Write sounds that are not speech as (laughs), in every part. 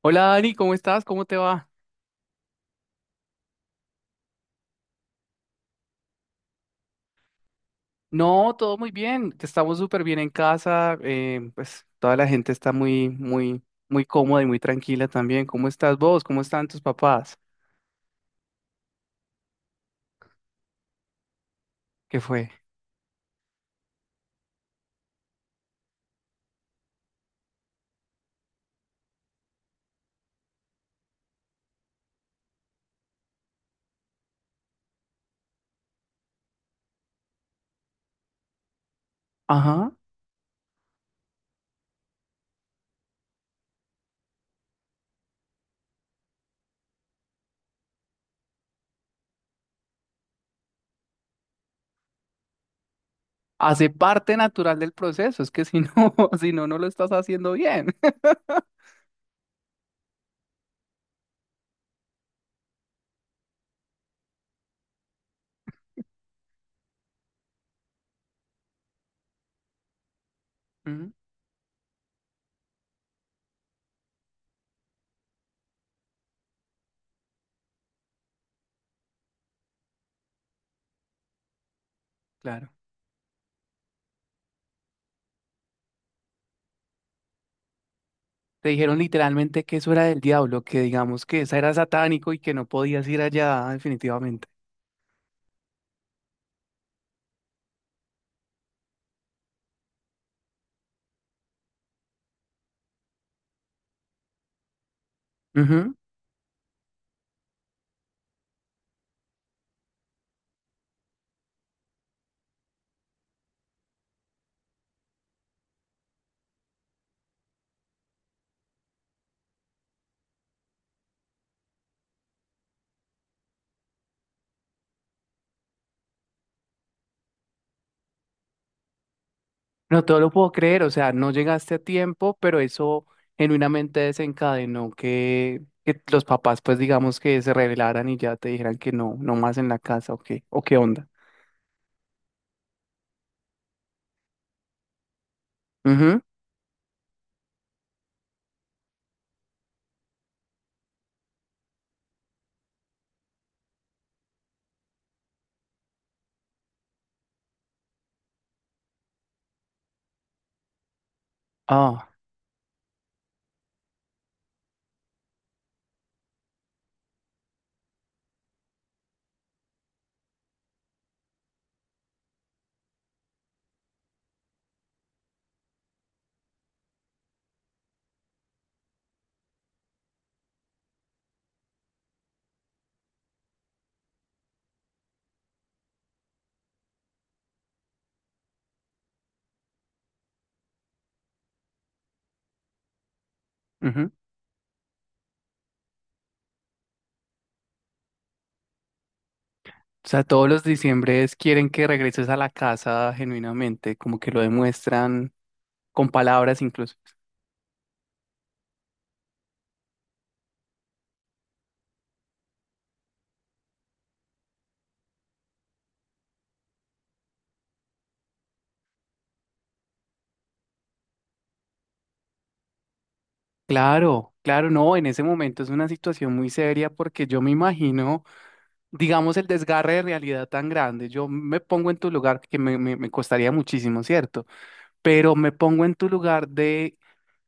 Hola Dani, ¿cómo estás? ¿Cómo te va? No, todo muy bien. Estamos súper bien en casa. Pues toda la gente está muy, muy, muy cómoda y muy tranquila también. ¿Cómo estás vos? ¿Cómo están tus papás? ¿Qué fue? Ajá. Hace parte natural del proceso. Es que si no, (laughs) si no, no lo estás haciendo bien. (laughs) Ujú, claro. Te dijeron literalmente que eso era del diablo, que digamos que esa era satánico y que no podías ir allá definitivamente. No todo lo puedo creer, o sea, no llegaste a tiempo, pero eso genuinamente desencadenó que los papás, pues digamos que se rebelaran y ya te dijeran que no, no más en la casa, o qué onda. Ujú, ah, ujú. O sea, todos los diciembres quieren que regreses a la casa genuinamente, como que lo demuestran con palabras incluso. Claro, claro, no, en ese momento es una situación muy seria porque yo me imagino, digamos, el desgarre de realidad tan grande. Yo me pongo en tu lugar, que me costaría muchísimo, ¿cierto? Pero me pongo en tu lugar de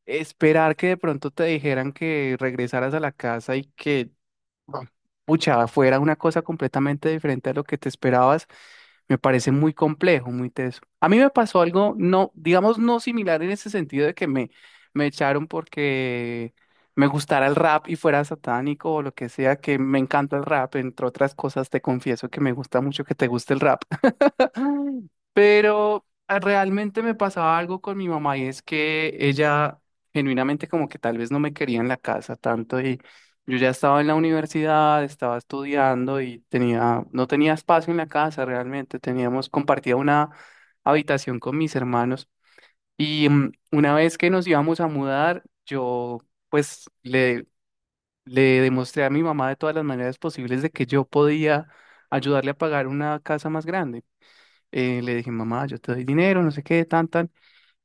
esperar que de pronto te dijeran que regresaras a la casa y que bueno, pucha, fuera una cosa completamente diferente a lo que te esperabas. Me parece muy complejo, muy teso. A mí me pasó algo, no, digamos, no similar en ese sentido de que me echaron porque me gustara el rap y fuera satánico o lo que sea, que me encanta el rap, entre otras cosas, te confieso que me gusta mucho que te guste el rap. Pero realmente me pasaba algo con mi mamá y es que ella genuinamente como que tal vez no me quería en la casa tanto y yo ya estaba en la universidad, estaba estudiando y tenía, no tenía espacio en la casa realmente, teníamos, compartía una habitación con mis hermanos y una vez que nos íbamos a mudar, yo pues le demostré a mi mamá de todas las maneras posibles de que yo podía ayudarle a pagar una casa más grande. Le dije, mamá, yo te doy dinero, no sé qué, tan, tan.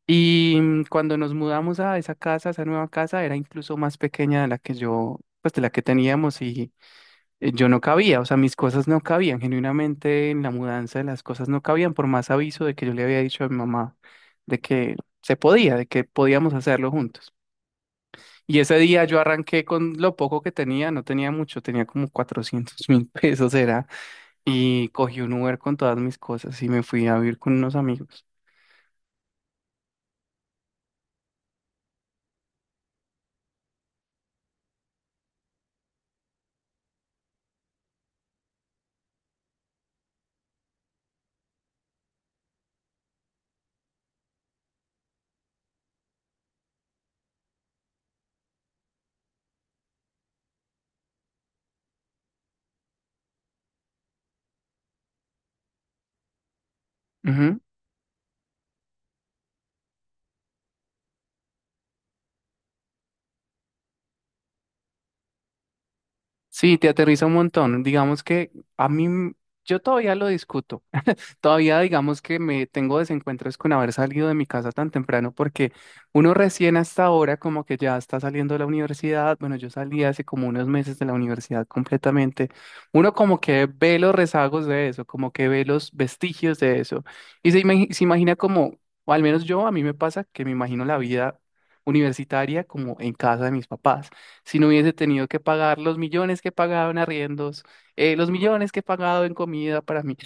Y cuando nos mudamos a esa casa, a esa nueva casa, era incluso más pequeña de la que yo, pues de la que teníamos y yo no cabía, o sea, mis cosas no cabían, genuinamente en la mudanza las cosas no cabían, por más aviso de que yo le había dicho a mi mamá de que se podía, de que podíamos hacerlo juntos. Y ese día yo arranqué con lo poco que tenía, no tenía mucho, tenía como 400.000 pesos, era y cogí un Uber con todas mis cosas y me fui a vivir con unos amigos. Ujú. Sí, te aterriza un montón. Digamos que a mí, m- yo todavía lo discuto. Todavía digamos que me tengo desencuentros con haber salido de mi casa tan temprano porque uno recién hasta ahora como que ya está saliendo de la universidad, bueno, yo salí hace como unos meses de la universidad completamente, uno como que ve los rezagos de eso, como que ve los vestigios de eso y se imagina como, o al menos yo, a mí me pasa que me imagino la vida universitaria como en casa de mis papás, si no hubiese tenido que pagar los millones que pagaban arriendos los millones que he pagado en comida para mí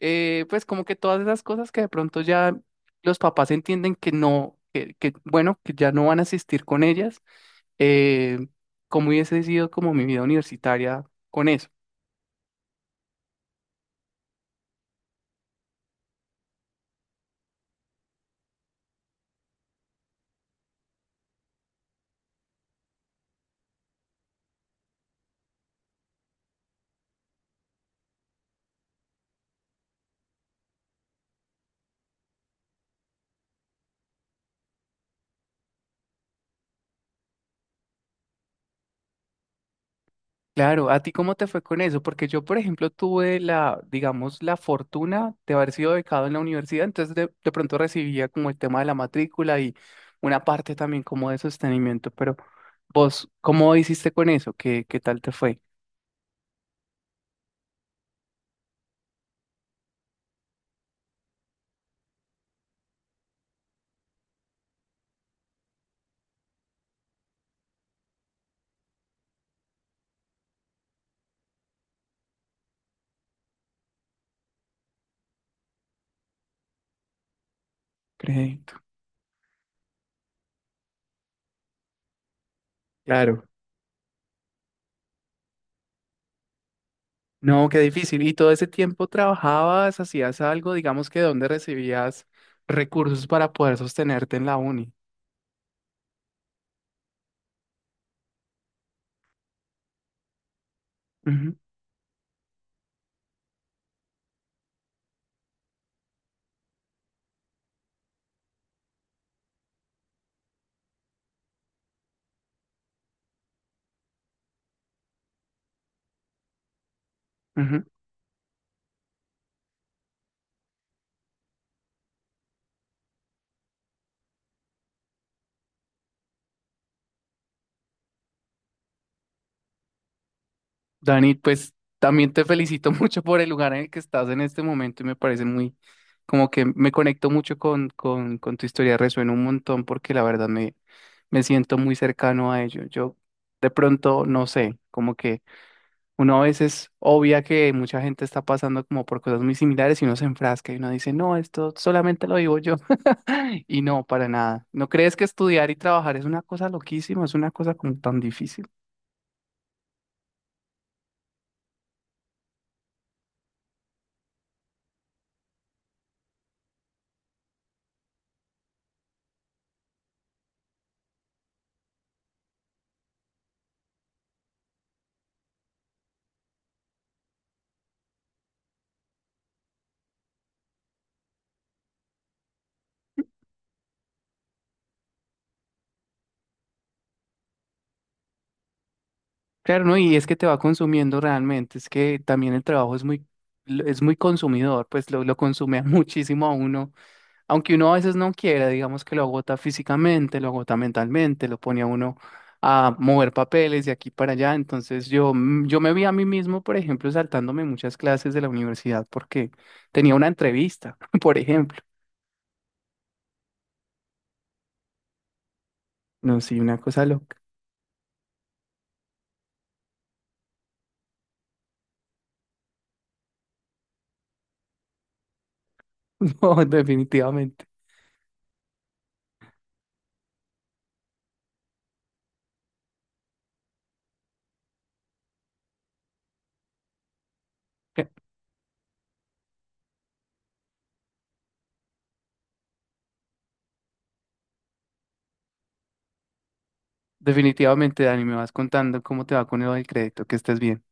pues como que todas esas cosas que de pronto ya los papás entienden que no, bueno, que ya no van a asistir con ellas, eh, cómo hubiese sido como mi vida universitaria con eso. Claro, ¿a ti cómo te fue con eso? Porque yo, por ejemplo, tuve la, digamos, la fortuna de haber sido becado en la universidad, entonces de pronto recibía como el tema de la matrícula y una parte también como de sostenimiento, pero vos, ¿cómo hiciste con eso? ¿Qué tal te fue? Crédito. Claro. No, qué difícil. ¿Y todo ese tiempo trabajabas, hacías algo, digamos que dónde recibías recursos para poder sostenerte en la uni? Ujú, ujú. Dani, pues también te felicito (laughs) mucho por el lugar en el que estás en este momento y me parece muy, como que me conecto mucho con tu historia, resuena un montón porque la verdad me siento muy cercano a ello. Yo de pronto, no sé, como que... Uno a veces obvia que mucha gente está pasando como por cosas muy similares y uno se enfrasca y uno dice, no, esto solamente lo vivo yo. (laughs) Y no, para nada. ¿No crees que estudiar y trabajar es una cosa loquísima? Es una cosa como tan difícil. Claro, ¿no? Y es que te va consumiendo realmente, es que también el trabajo es muy consumidor, pues lo consume (laughs) a muchísimo a uno, aunque uno a veces no quiera, digamos que lo agota físicamente, lo agota mentalmente, lo pone a uno a mover papeles de aquí para allá, entonces yo me vi a mí mismo, por ejemplo, saltándome muchas clases de la universidad porque tenía una entrevista, (laughs) por ejemplo, no, sí, una cosa loca, (laughs) no, definitivamente, (laughs) definitivamente, Dani, me vas contando cómo te va con el crédito, que estés bien.